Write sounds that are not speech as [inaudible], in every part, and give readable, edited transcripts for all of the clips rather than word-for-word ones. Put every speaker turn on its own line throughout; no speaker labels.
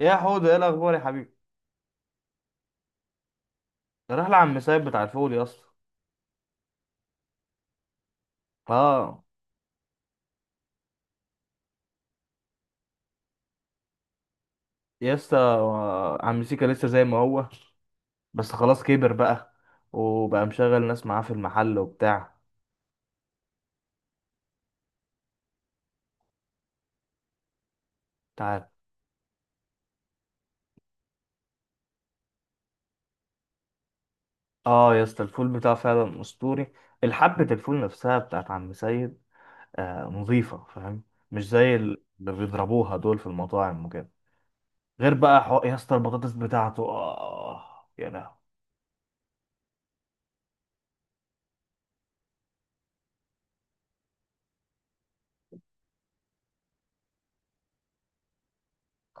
يا حوده، ايه الاخبار يا حبيبي؟ راح لعم سايب بتاع الفول يا اسطى. اه يا اسطى، عم سيكا لسه زي ما هو. بس خلاص كبر بقى، وبقى مشغل ناس معاه في المحل وبتاع. تعال. اه يا اسطى، الفول بتاعه فعلا اسطوري. الحبة الفول نفسها بتاعت عم سيد، آه نظيفة، فاهم؟ مش زي اللي بيضربوها دول في المطاعم وكده. غير بقى يا اسطى البطاطس بتاعته، اه. يا لهوي.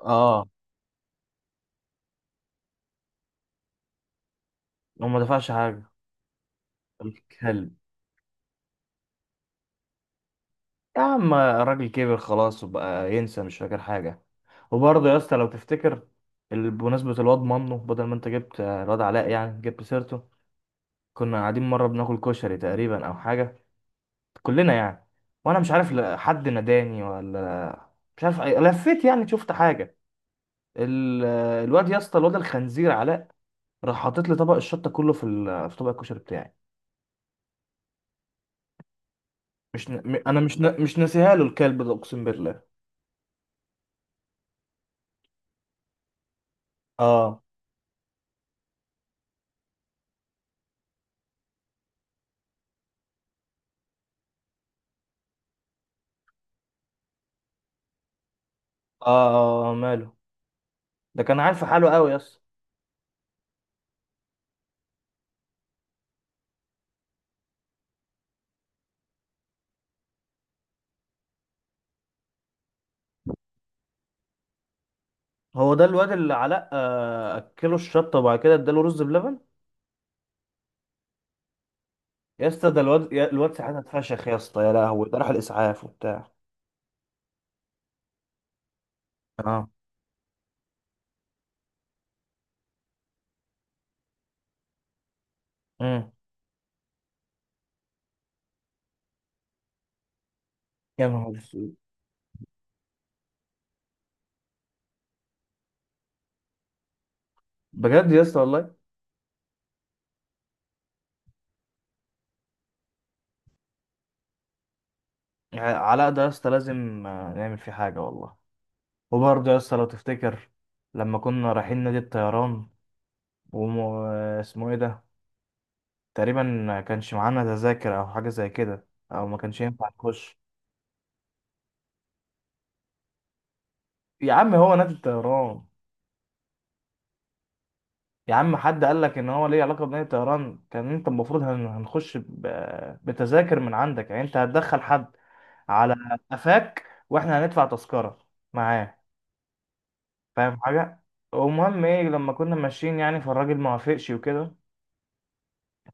اه، هو ما دفعش حاجة الكلب. يا عم الراجل كبر خلاص وبقى ينسى، مش فاكر حاجة. وبرضه يا اسطى لو تفتكر، بمناسبة الواد منه، بدل ما انت جبت الواد علاء يعني، جبت سيرته. كنا قاعدين مرة بناكل كشري تقريبا او حاجة، كلنا يعني. وانا مش عارف حد ناداني ولا، مش عارف لفيت يعني شفت حاجة. الواد يا اسطى، الواد الخنزير علاء راح حاطط لي طبق الشطة كله في في طبق الكشري بتاعي. مش ن... م- انا مش ن... مش ناسيها له الكلب ده، اقسم بالله. اه. اه, آه ماله، ده كان عارف حاله قوي يا اسطى. هو ده الواد اللي علاء اكله الشطه وبعد كده اداله رز بلبن؟ يا اسطى ده الواد الواد ساعتها اتفشخ يا اسطى، يا لهوي، ده راح الاسعاف وبتاع. اه. امم يا نهار اسود، بجد يا اسطى والله. يعني علاء ده يا اسطى لازم نعمل فيه حاجه والله. وبرضه يا اسطى لو تفتكر، لما كنا رايحين نادي الطيران وم... آه، اسمه ايه ده، تقريبا ما كانش معانا تذاكر او حاجه زي كده، او ما كانش ينفع نخش. يا عم هو نادي الطيران. يا عم حد قال لك ان هو ليه علاقه بمدينه طيران؟ كان انت المفروض هنخش بتذاكر من عندك، يعني انت هتدخل حد على قفاك واحنا هندفع تذكره معاه، فاهم حاجه؟ ومهم ايه، لما كنا ماشيين يعني فالراجل ما وافقش وكده،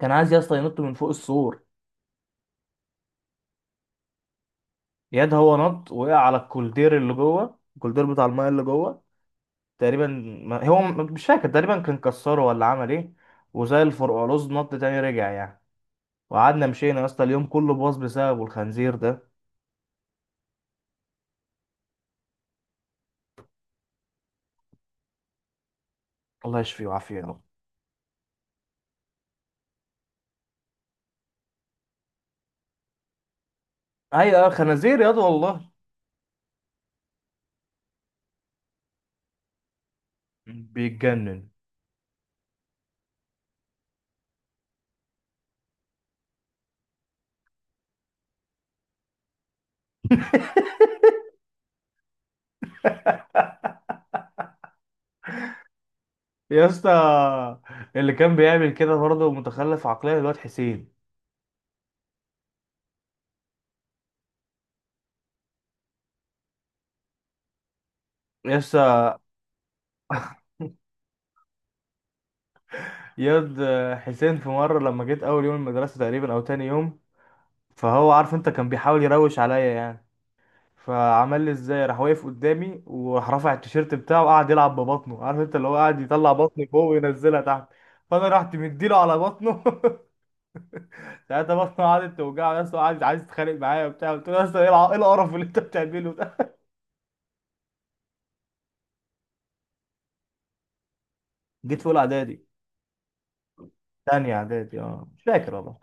كان عايز يا اسطى ينط من فوق السور. ياد هو نط، وقع على الكولدير اللي جوه، الكولدير بتاع المايه اللي جوه تقريبا. ما هو مش فاكر، تقريبا كان كسره ولا عمل ايه. وزي الفرقعلوز نط تاني رجع يعني. وقعدنا مشينا يا اسطى، اليوم كله باظ بسببه الخنزير ده. الله يشفيه ويعافيه يا رب. ايوه خنازير ياض والله. بيتجنن. يا اسطى اللي كان بيعمل كده برضه متخلف عقليا الواد حسين. يا اسطى. [laughs] ياض حسين في مره لما جيت اول يوم المدرسه تقريبا او تاني يوم، فهو عارف انت كان بيحاول يروش عليا يعني، فعمل لي ازاي؟ راح واقف قدامي وراح رافع التيشيرت بتاعه وقعد يلعب ببطنه، عارف انت اللي هو قاعد يطلع بطني فوق وينزلها تحت. فانا رحت مديله على بطنه. [laughs] ساعتها بطني قعدت توجع يا اسطى، قعدت عايز تتخانق معايا وبتاع. قلت له يا اسطى ايه إيه القرف اللي انت بتعمله ده؟ جيت في اولى اعدادي. تانية اعدادي، اه مش فاكر والله.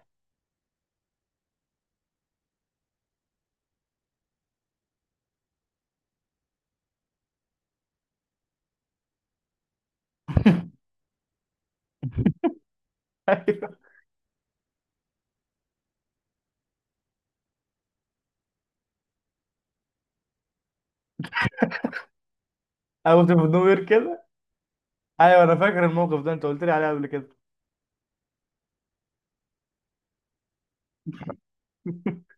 [laughs] ايوه، انا كنت في النوير كده. ايوه انا فاكر الموقف ده، انت قلت لي عليه قبل كده. [laughs]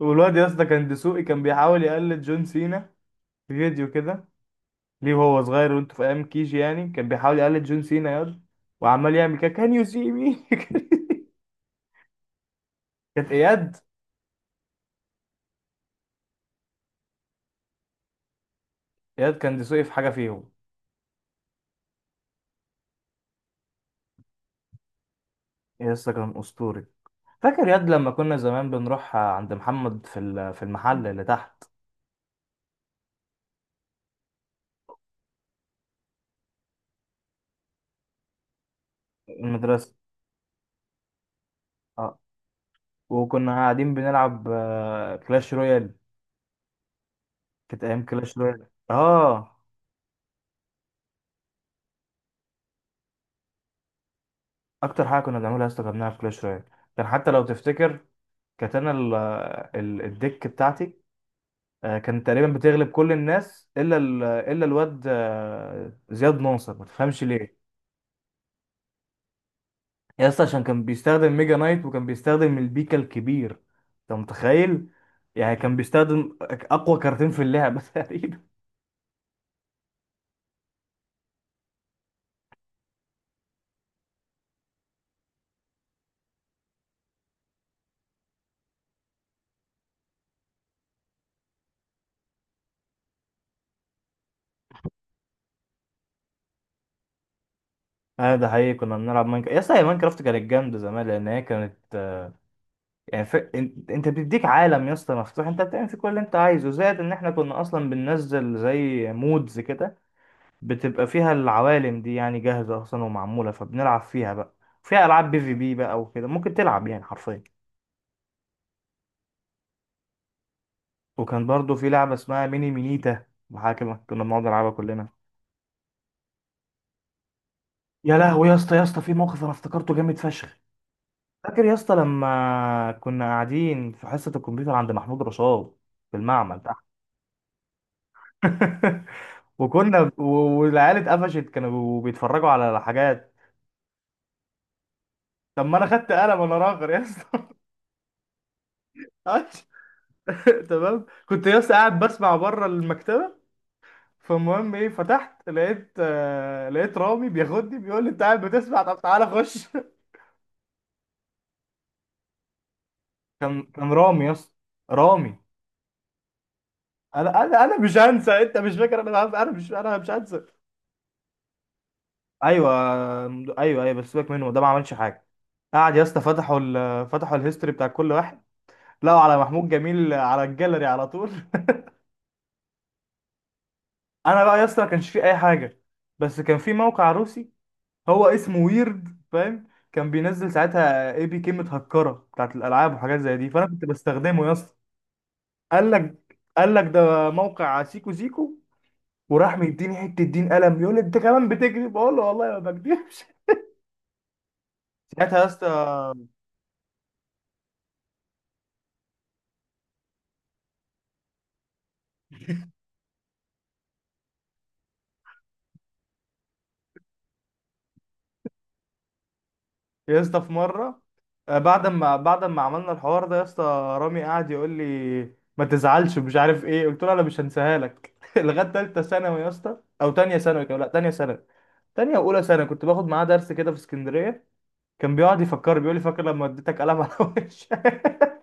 والواد يا اسطى كان دسوقي، كان بيحاول يقلد جون سينا في فيديو كده. ليه وهو صغير وانت في ايام كيجي يعني كان بيحاول يقلد جون سينا ياد، وعمال يعمل كده كان يو سي مي. [laughs] كانت اياد. اياد كان دسوقي في حاجه فيهم. يا اسطى كان اسطوري. فاكر ياد لما كنا زمان بنروح عند محمد في في المحل اللي تحت. المدرسة. اه وكنا قاعدين بنلعب كلاش رويال، كانت أيام كلاش رويال، اه. أكتر حاجة كنا بنعملها يا اسطى كنا بنلعب كلاش رويال. كان حتى لو تفتكر، كانت أنا الديك بتاعتي كانت تقريبا بتغلب كل الناس، إلا إلا الواد زياد ناصر، ما تفهمش ليه. يا اسطى عشان كان بيستخدم ميجا نايت، وكان بيستخدم البيكا الكبير. انت متخيل؟ يعني كان بيستخدم اقوى كارتين في اللعبه [laughs] تقريبا اه ده حقيقي، كنا بنلعب ماينكرافت يا اسطى، هي ماينكرافت كانت جامده زمان، لان هي كانت، يعني انت، انت بتديك عالم يا اسطى مفتوح، انت بتعمل فيه كل اللي انت عايزه، زائد ان احنا كنا اصلا بننزل زي مودز كده. بتبقى فيها العوالم دي يعني جاهزه اصلا ومعموله، فبنلعب فيها بقى. فيها العاب بي في بي بقى وكده، ممكن تلعب يعني حرفيا. وكان برضو في لعبة اسمها ميني مينيتا محاكمة، كنا بنقعد نلعبها كلنا. يا لهوي يا اسطى، يا اسطى في موقف انا افتكرته جامد فشخ. فاكر يا اسطى لما كنا قاعدين في حصة الكمبيوتر عند محمود رشاد في المعمل تحت؟ [laughs] وكنا و- والعيال اتقفشت كانوا بيتفرجوا على حاجات. طب ما انا خدت قلم وانا راغر يا اسطى. [laughs] تمام، كنت يا اسطى قاعد بسمع بره المكتبة. فالمهم ايه، فتحت لقيت آه، لقيت رامي بياخدني بيقول لي انت قاعد بتسمع، طب تعالى خش. كان رامي يا اسطى، رامي. انا مش هنسى، انت مش فاكر، انا مش، انا مش هنسى. ايوه ايوه ايوه بس سيبك منه ده ما عملش حاجه. قعد يا اسطى فتحوا فتحوا الهيستوري بتاع كل واحد، لقوا على محمود جميل على الجاليري على طول. [laughs] انا بقى يا اسطى ما كانش فيه اي حاجه، بس كان في موقع روسي، هو اسمه ويرد، فاهم؟ كان بينزل ساعتها اي بي كي متهكره بتاعت الالعاب وحاجات زي دي، فانا كنت بستخدمه يا اسطى. قال لك ده موقع سيكو سيكو، وراح مديني حته دين قلم، يقول لي انت كمان بتكذب، بقول له والله ما بكذبش. [laughs] ساعتها يا اسطى، يا اسطى في مره بعد ما عملنا الحوار ده يا اسطى، رامي قعد يقول لي ما تزعلش ومش عارف ايه، قلت له انا مش هنساها لك. [laughs] لغايه ثالثه ثانوي يا اسطى، او ثانيه ثانوي كمان، لا ثانيه ثانوي. تانية وأولى سنة كنت باخد معاه درس كده في اسكندرية، كان بيقعد يفكر بيقول لي فاكر لما اديتك قلم على وشك.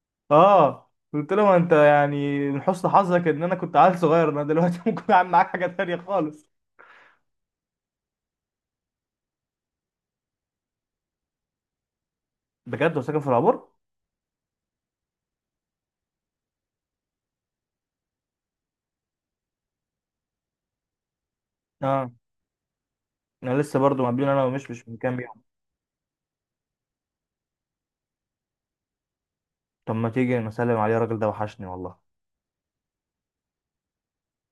[laughs] اه، قلت له ما انت يعني من حسن حظك ان انا كنت عيل صغير، انا دلوقتي [laughs] ممكن اعمل معاك حاجة تانية خالص. بجد، وساكن في العبور؟ اه، انا لسه برضو مقابلين انا، ومش مش من كام يوم. طب ما تيجي نسلم عليه، الراجل ده وحشني والله.